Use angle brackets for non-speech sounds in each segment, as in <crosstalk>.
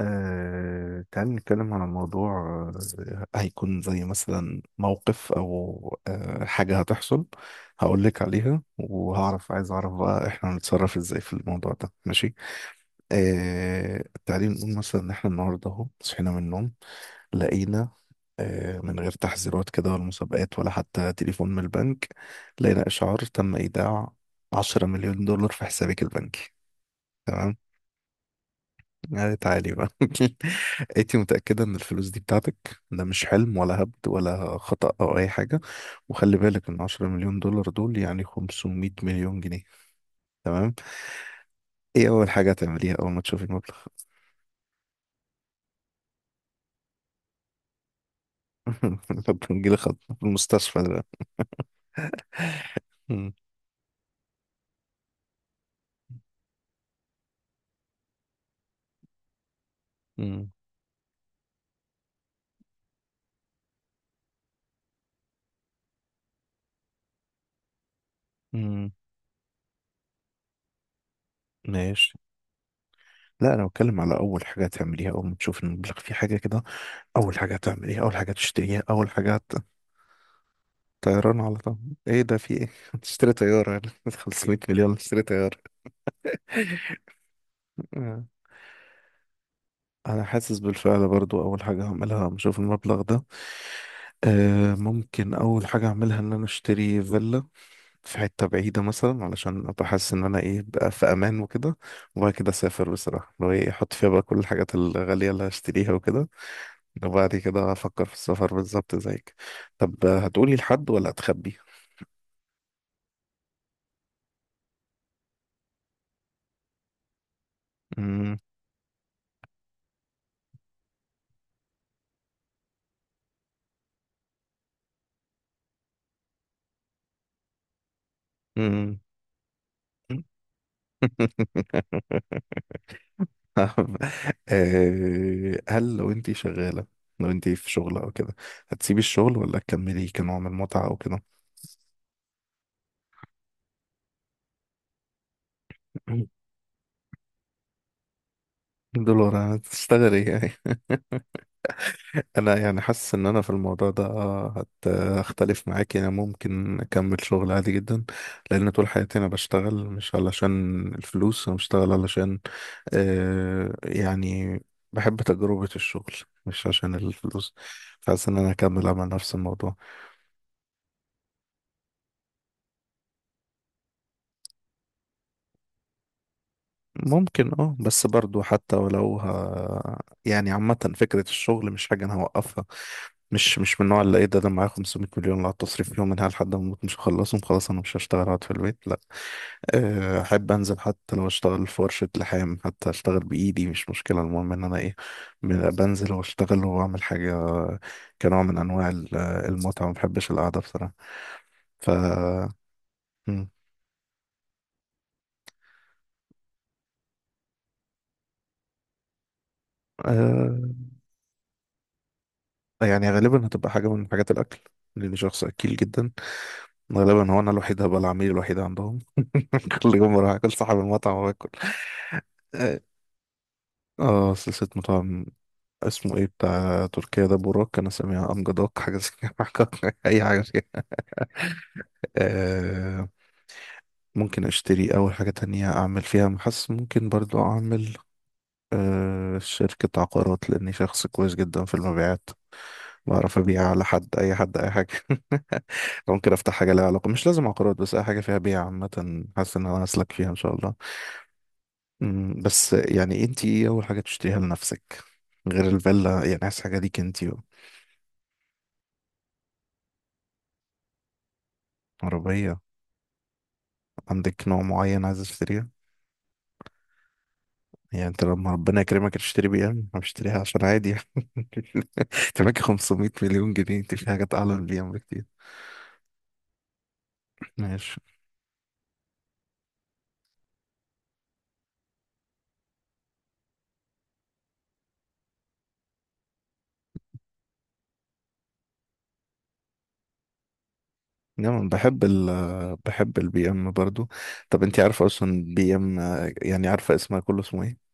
تعال نتكلم على موضوع، هيكون زي مثلا موقف أو حاجة هتحصل هقولك عليها، وهعرف عايز أعرف بقى إحنا هنتصرف إزاي في الموضوع ده، ماشي؟ تعالي نقول مثلا إن إحنا النهاردة أهو صحينا من النوم لقينا، من غير تحذيرات كده ولا مسابقات ولا حتى تليفون من البنك، لقينا إشعار تم إيداع 10 مليون دولار في حسابك البنكي. تمام. يعني تعالي بقى <laughs> انت متأكدة ان الفلوس دي بتاعتك، ده مش حلم ولا هبد ولا خطأ او اي حاجة. وخلي بالك ان 10 مليون دولار دول يعني 500 مليون جنيه. تمام؟ ايه اول حاجة هتعمليها اول ما تشوفي المبلغ؟ <laughs> بنجيلي خط في المستشفى ده. مم. مم. مم. ماشي. لا انا بتكلم على اول حاجة هتعمليها اول ما تشوفي المبلغ، في حاجة كده؟ اول حاجة هتعمليها، اول حاجة تشتريها، اول حاجة طيران على طول؟ ايه ده، في ايه؟ <laughs> تشتري طيارة؟ 500 <laughs> مليون، تشتري؟ آه. انا حاسس بالفعل برضو اول حاجة هعملها لما اشوف المبلغ ده، آه ممكن اول حاجة اعملها ان انا اشتري فيلا في حتة بعيدة مثلا، علشان ابقى حاسس ان انا ايه بقى، في امان وكده. وبعد كده اسافر بصراحة، لو ايه احط فيها بقى كل الحاجات الغالية اللي هشتريها وكده. وبعد كده افكر في السفر بالظبط زيك. طب هتقولي لحد ولا هتخبي؟ مم. مم. <laughs> <laughs> فاهم؟ هل لو انتي شغالة، لو انتي في شغل او كده، هتسيبي الشغل ولا تكملي كنوع من المتعة او كده؟ <clears throat> دولار، انا تشتغل ايه يعني؟ <laughs> انا يعني حاسس ان انا في الموضوع ده هختلف معاك. يعني ممكن اكمل شغل عادي جدا، لان طول حياتي انا بشتغل مش علشان الفلوس، انا بشتغل علشان يعني بحب تجربة الشغل مش عشان الفلوس. فحاسس ان انا هكمل اعمل نفس الموضوع. ممكن اه، بس برضو حتى ولو ها يعني، عامة فكرة الشغل مش حاجة انا هوقفها. مش من النوع اللي ايه ده معايا 500 مليون اللي هتصرف فيهم منها لحد ما اموت، مش هخلصهم، خلاص انا مش هشتغل اقعد في البيت؟ لا. احب انزل حتى لو اشتغل في ورشة لحام، حتى اشتغل بايدي مش مشكلة، المهم ان انا ايه، بنزل واشتغل واعمل حاجة كنوع من انواع المتعة. ما بحبش القعدة بصراحة. ف، مم. آه، يعني غالبا هتبقى حاجة من حاجات الاكل، لاني شخص اكيل جدا. غالبا هو انا الوحيد هبقى العميل الوحيد عندهم <laughs> كل يوم بروح اكل، صاحب المطعم واكل. اه، سلسلة مطاعم. اسمه ايه بتاع تركيا ده؟ بوراك؟ انا سامع امجدوك حاجة زي كده <laughs> اي حاجة فيها. آه، ممكن اشتري اول حاجة تانية اعمل فيها محس. ممكن برضو اعمل آه، شركة عقارات، لاني شخص كويس جدا في المبيعات. بعرف ابيع على حد، اي حد اي حاجة. <laughs> ممكن افتح حاجة لها علاقة، مش لازم عقارات، بس اي حاجة فيها بيع عامة، حاسس ان انا اسلك فيها ان شاء الله. مم، بس يعني انت ايه اول حاجة تشتريها لنفسك غير الفيلا؟ يعني عايز حاجة ليك انت بقى. عربية؟ عندك نوع معين عايز تشتريها؟ يعني انت لما ربنا يكرمك تشتري بي ام، انا بشتريها عشان عادي يعني؟ <laughs> انت معاك 500 مليون جنيه، انت في حاجات اعلى من البي ام بكتير. ماشي. نعم، بحب ال، بحب البي ام برضو. طب انت عارفة اصلا بي ام يعني، عارفة اسمها كله اسمه ايه؟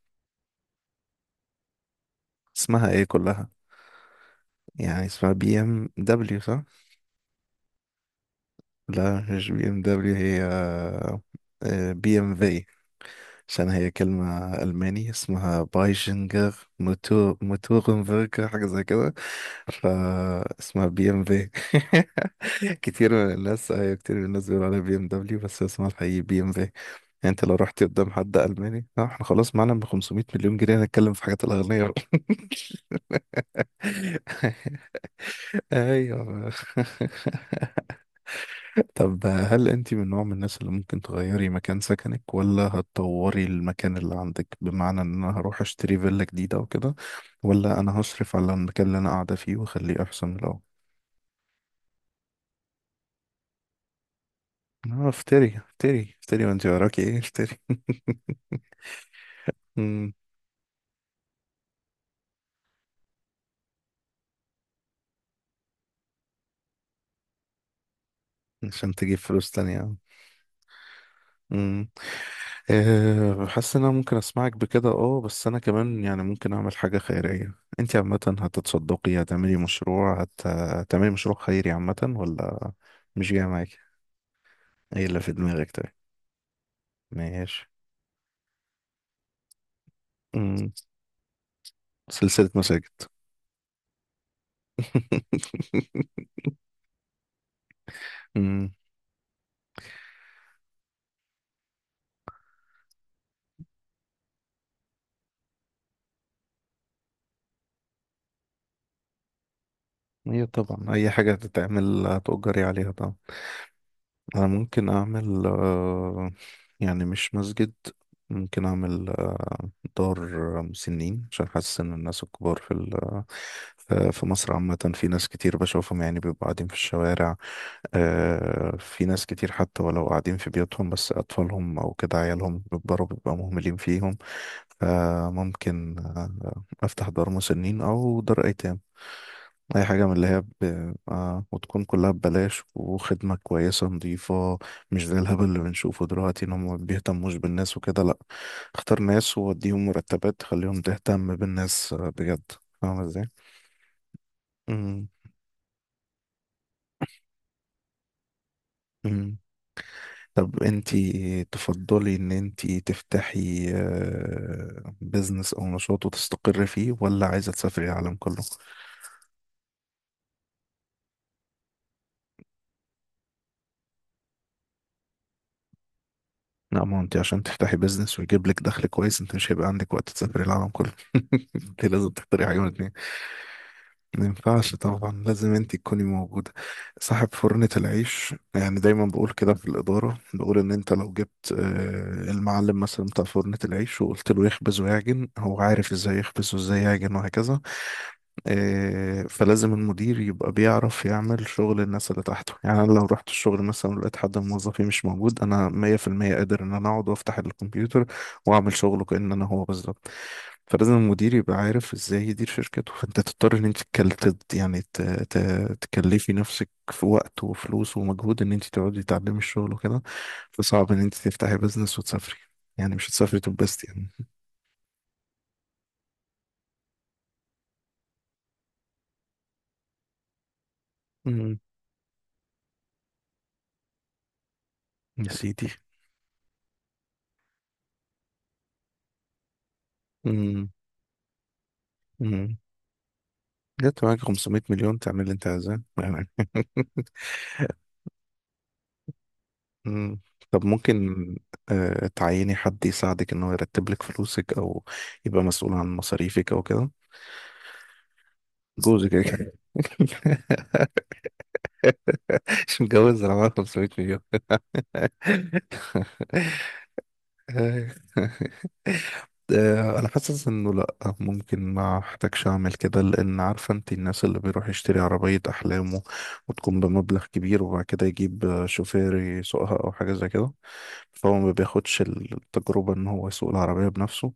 اسمها ايه كلها؟ يعني اسمها بي ام دبليو، صح؟ لا، مش بي ام دبليو، هي بي ام في. عشان هي كلمة ألماني، اسمها بايجنجر موتور موتورنبرجر حاجة زي كده، فاسمها بي ام في. <laughs> كتير من الناس، أيوة كتير من الناس بيقولوا عليها بي ام دبليو، بس اسمها الحقيقي بي ام في يعني. انت لو رحت قدام حد ألماني، اه احنا خلاص معانا ب 500 مليون جنيه، هنتكلم في حاجات الأغنية بقى. <laughs> ايوه. <laughs> طب هل انت من نوع من الناس اللي ممكن تغيري مكان سكنك، ولا هتطوري المكان اللي عندك؟ بمعنى ان انا هروح اشتري فيلا جديدة وكده، ولا انا هصرف على المكان اللي انا قاعدة فيه واخليه احسن من الاول؟ اه افتري افتري افتري، وانت وراكي ايه، افتري. <laughs> مم. عشان تجيب فلوس تانية. امم. أه حاسس ان انا ممكن اسمعك بكده اه، بس انا كمان يعني ممكن اعمل حاجة خيرية. انت عامة هتتصدقي، هتعملي مشروع خيري عامة ولا مش جاية معاكي؟ ايه اللي في دماغك طيب؟ ماشي. مم. سلسلة مساجد؟ <laughs> مم. هي طبعا اي حاجة هتتعمل هتؤجري عليها طبعا. انا ممكن اعمل آه، يعني مش مسجد، ممكن اعمل آه، دار مسنين. عشان حاسس ان الناس الكبار في في في مصر عامة، في ناس كتير بشوفهم يعني بيبقوا قاعدين في الشوارع. في ناس كتير حتى ولو قاعدين في بيوتهم، بس اطفالهم او كده عيالهم بيكبروا بيبقى مهملين فيهم. فممكن أفتح دار مسنين أو دار أيتام، أي حاجة من اللي هي ب... آه، وتكون كلها ببلاش وخدمة كويسة نظيفة. مش زي الهبل اللي بنشوفه دلوقتي إن هم ما بيهتموش بالناس وكده، لأ. اختار ناس ووديهم مرتبات تخليهم تهتم بالناس بجد. فاهمة إزاي؟ مم. مم. طب انتي تفضلي ان انتي تفتحي بزنس او نشاط وتستقري فيه، ولا عايزة تسافري العالم كله؟ لا ما هو انت عشان تفتحي بيزنس ويجيب لك دخل كويس، انت مش هيبقى عندك وقت تسافري العالم كله. <laughs> انت لازم تختاري حاجه من الاتنين. ما ينفعش، طبعا لازم انت تكوني موجودة. صاحب فرنة العيش يعني، دايما بقول كده في الإدارة، بقول إن انت لو جبت المعلم مثلا بتاع فرنة العيش وقلت له يخبز ويعجن، هو عارف ازاي يخبز وازاي يعجن وهكذا. فلازم المدير يبقى بيعرف يعمل شغل الناس اللي تحته، يعني أنا واعمل شغله كأن انا هو بالظبط. فلازم المدير يبقى عارف ازاي يدير شركته، فانت تضطر ان انت تكلفي نفسك في وقت وفلوس ومجهود، ان انت تقعدي تتعلمي الشغل وكده. فصعب ان انت تفتحي بزنس وتسافري، يعني مش هتسافري تنبسطي يعني. امم. يا سيدي. امم. امم. جت معاك 500 مليون، تعمل اللي انت عايزاه يعني. <laughs> مم. طب ممكن تعيني حد يساعدك ان هو يرتب لك فلوسك، او يبقى مسؤول عن مصاريفك او كده؟ جوزي كده كده. <laughs> مش متجوز، انا معايا 500 مليون. <laughs> انا حاسس انه لا، ممكن ما احتاجش اعمل كده، لان عارفه انت الناس اللي بيروح يشتري عربيه احلامه وتكون بمبلغ كبير، وبعد كده يجيب شوفير يسوقها او حاجه زي كده، فهو ما بياخدش التجربه ان هو يسوق العربيه بنفسه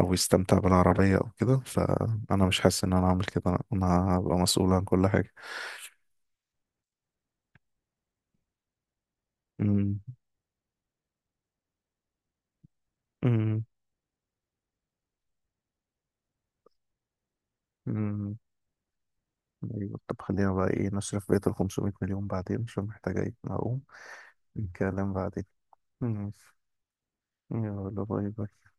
او يستمتع بالعربيه او كده. فانا مش حاسس ان انا اعمل كده، انا هبقى مسؤول عن كل حاجه. امم. امم. ايوه طب، خلينا بقى ايه نصرف بقية ال 500 مليون بعدين، عشان محتاجة ايه اقوم الكلام بعدين. ماشي. يلا باي باي.